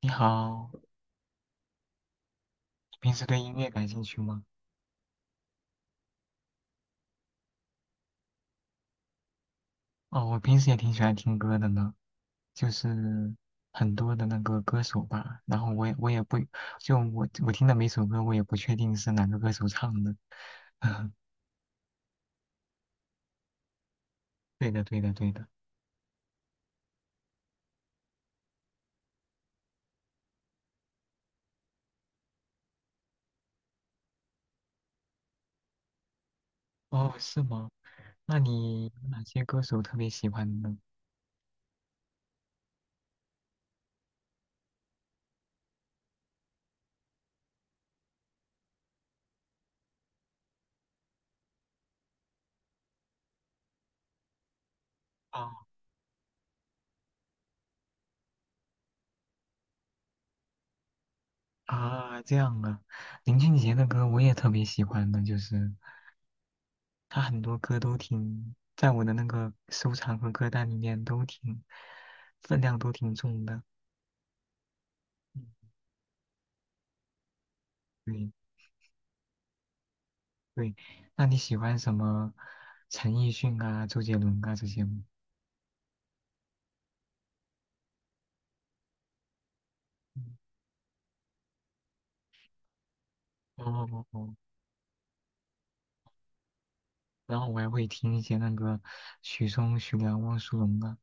你好，你平时对音乐感兴趣吗？哦，我平时也挺喜欢听歌的呢，就是很多的那个歌手吧。然后我也不，就我听的每首歌，我也不确定是哪个歌手唱的。对的，对的，对的。哦，是吗？那你有哪些歌手特别喜欢呢？哦啊，这样啊，林俊杰的歌我也特别喜欢的，就是。他很多歌都挺，在我的那个收藏和歌单里面都挺，分量都挺重的。嗯，对对，那你喜欢什么陈奕迅啊、周杰伦啊这些吗？嗯，哦哦哦，然后我还会听一些那个许嵩、许良、汪苏泷啊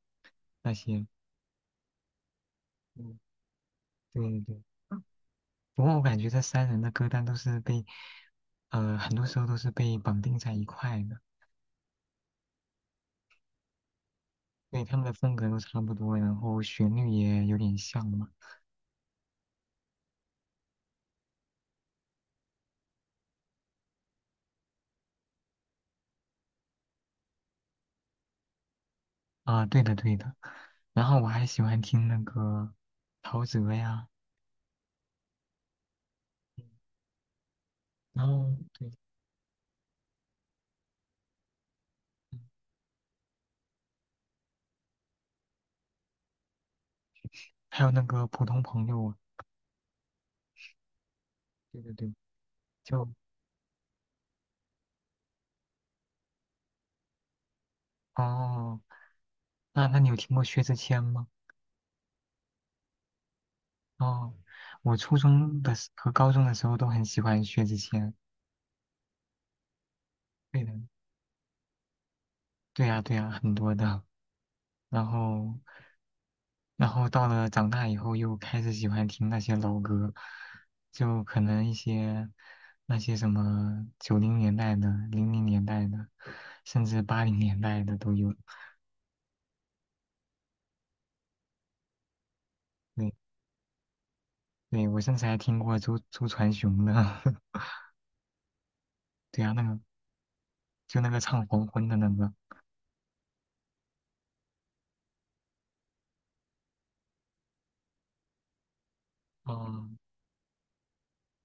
那些。嗯，对对对，不过我感觉这三人的歌单都是被，很多时候都是被绑定在一块的，对，他们的风格都差不多，然后旋律也有点像嘛。啊，对的对的。然后我还喜欢听那个陶喆呀，然后对，嗯，还有那个普通朋友啊，对对对，就，哦，那那你有听过薛之谦吗？哦，我初中的时和高中的时候都很喜欢薛之谦。对的，对呀对呀，很多的。然后到了长大以后，又开始喜欢听那些老歌，就可能一些那些什么九零年代的、零零年代的，甚至八零年代的都有。对，对，我甚至还听过周传雄的，对啊，那个就那个唱黄昏的那个。哦，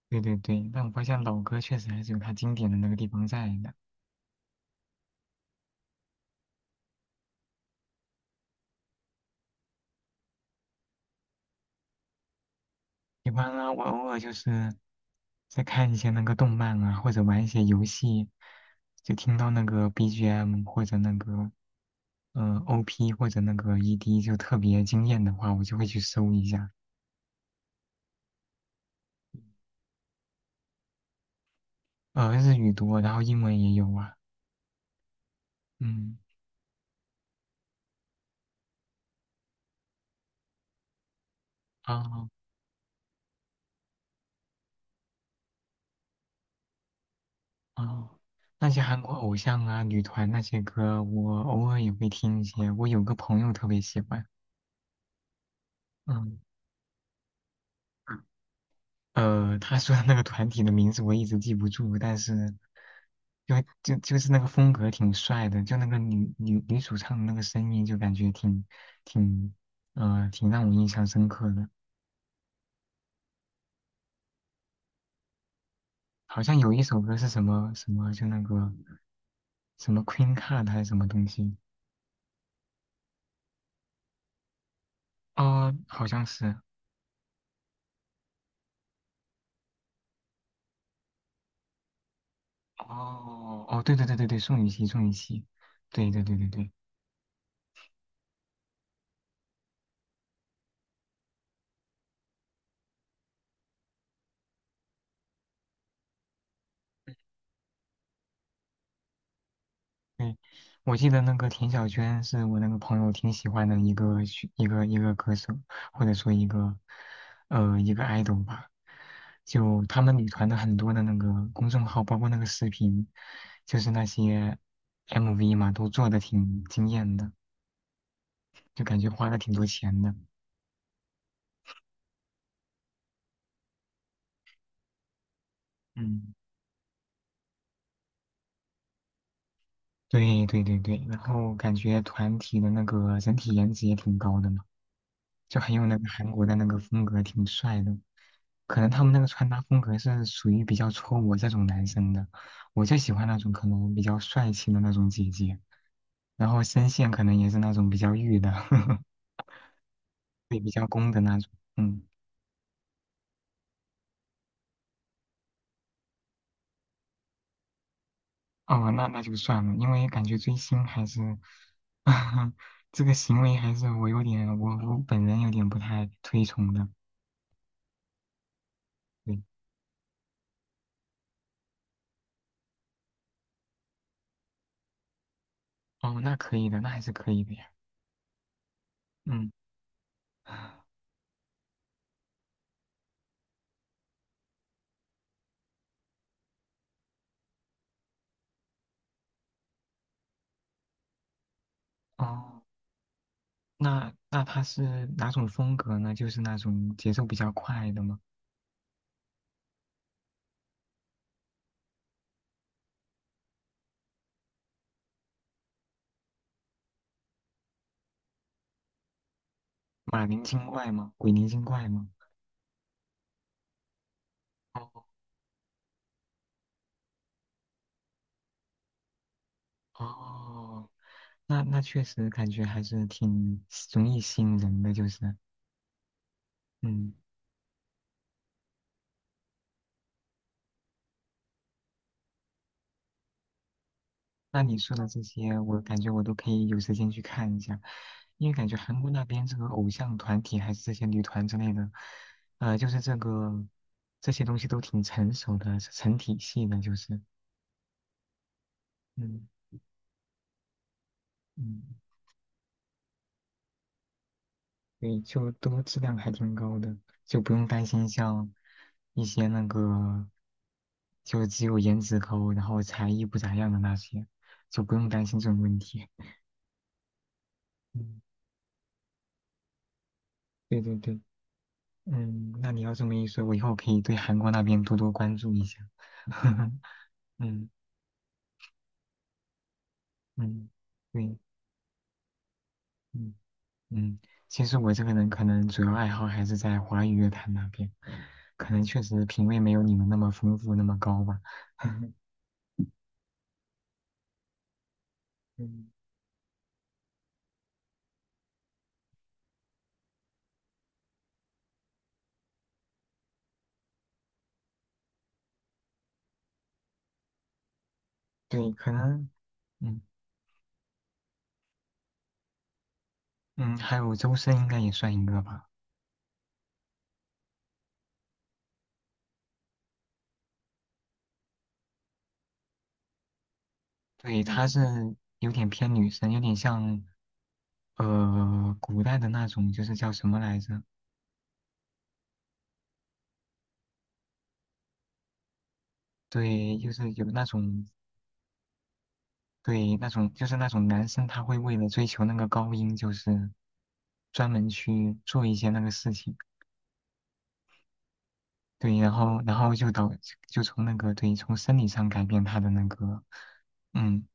对对对，但我发现老歌确实还是有它经典的那个地方在的。喜欢啊，我偶尔就是在看一些那个动漫啊，或者玩一些游戏，就听到那个 BGM 或者那个OP 或者那个 ED 就特别惊艳的话，我就会去搜一下。呃，日语多，然后英文也有啊。嗯，哦哦，那些韩国偶像啊、女团那些歌，我偶尔也会听一些。我有个朋友特别喜欢。嗯。呃，他说的那个团体的名字我一直记不住，但是就就是那个风格挺帅的，就那个女主唱的那个声音，就感觉挺挺让我印象深刻的。好像有一首歌是什么什么，就那个什么 Queen Card 还是什么东西？哦，好像是。哦哦，对对对对对，宋雨琦，宋雨琦，对对对对对。对，我记得那个田小娟是我那个朋友挺喜欢的一个选一个一个歌手，或者说一个 idol 吧。就他们女团的很多的那个公众号，包括那个视频，就是那些 MV 嘛，都做的挺惊艳的，就感觉花了挺多钱的。嗯，对对对对，然后感觉团体的那个整体颜值也挺高的。嘛。就很有那个韩国的那个风格，挺帅的。可能他们那个穿搭风格是属于比较戳我这种男生的，我就喜欢那种可能比较帅气的那种姐姐，然后声线可能也是那种比较御的，对，比较攻的那种。嗯，哦，那那就算了，因为感觉追星还是，这个行为还是我有点，我本人有点不太推崇的。对，哦，那可以的，那还是可以的呀。嗯，哦。那他是哪种风格呢？就是那种节奏比较快的吗？马林精怪吗？鬼灵精怪吗？哦哦，那确实感觉还是挺容易吸引人的，就是嗯，那你说的这些，我感觉我都可以有时间去看一下，因为感觉韩国那边这个偶像团体还是这些女团之类的，呃，就是这个这些东西都挺成熟的，是成体系的，就是嗯嗯。对，就都质量还挺高的，就不用担心像一些那个，就只有颜值高，然后才艺不咋样的那些，就不用担心这种问题。嗯，对对对，嗯，那你要这么一说，我以后可以对韩国那边多多关注一下。嗯嗯，对，嗯嗯，其实我这个人可能主要爱好还是在华语乐坛那边，可能确实品味没有你们那么丰富，那么高吧。嗯，对，可能，嗯嗯，还有周深应该也算一个吧。对，他是有点偏女生，有点像呃古代的那种，就是叫什么来着？对，就是有那种，对，那种就是那种男生他会为了追求那个高音，就是专门去做一些那个事情。对，然后就导就从那个，对，从生理上改变他的那个嗯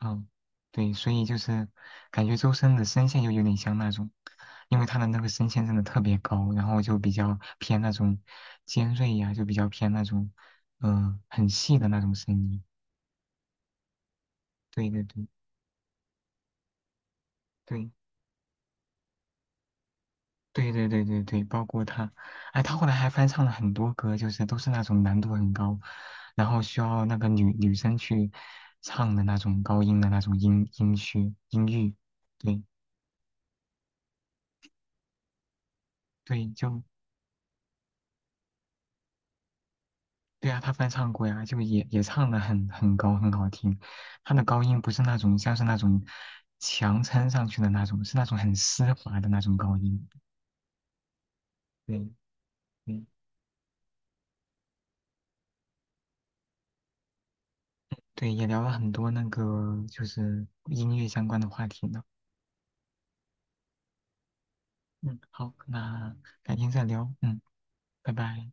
嗯，对，所以就是感觉周深的声线就有点像那种，因为他的那个声线真的特别高，然后就比较偏那种尖锐呀、就比较偏那种，嗯、很细的那种声音。对对对对对对对对对，包括他，哎，他后来还翻唱了很多歌，就是都是那种难度很高，然后需要那个女生去唱的那种高音的那种音区音域。对对，就，对啊，他翻唱过呀，就也也唱的很高，很好听。他的高音不是那种像是那种强撑上去的那种，是那种很丝滑的那种高音。对，对，对，也聊了很多那个就是音乐相关的话题呢。嗯，好，那改天再聊。嗯，拜拜。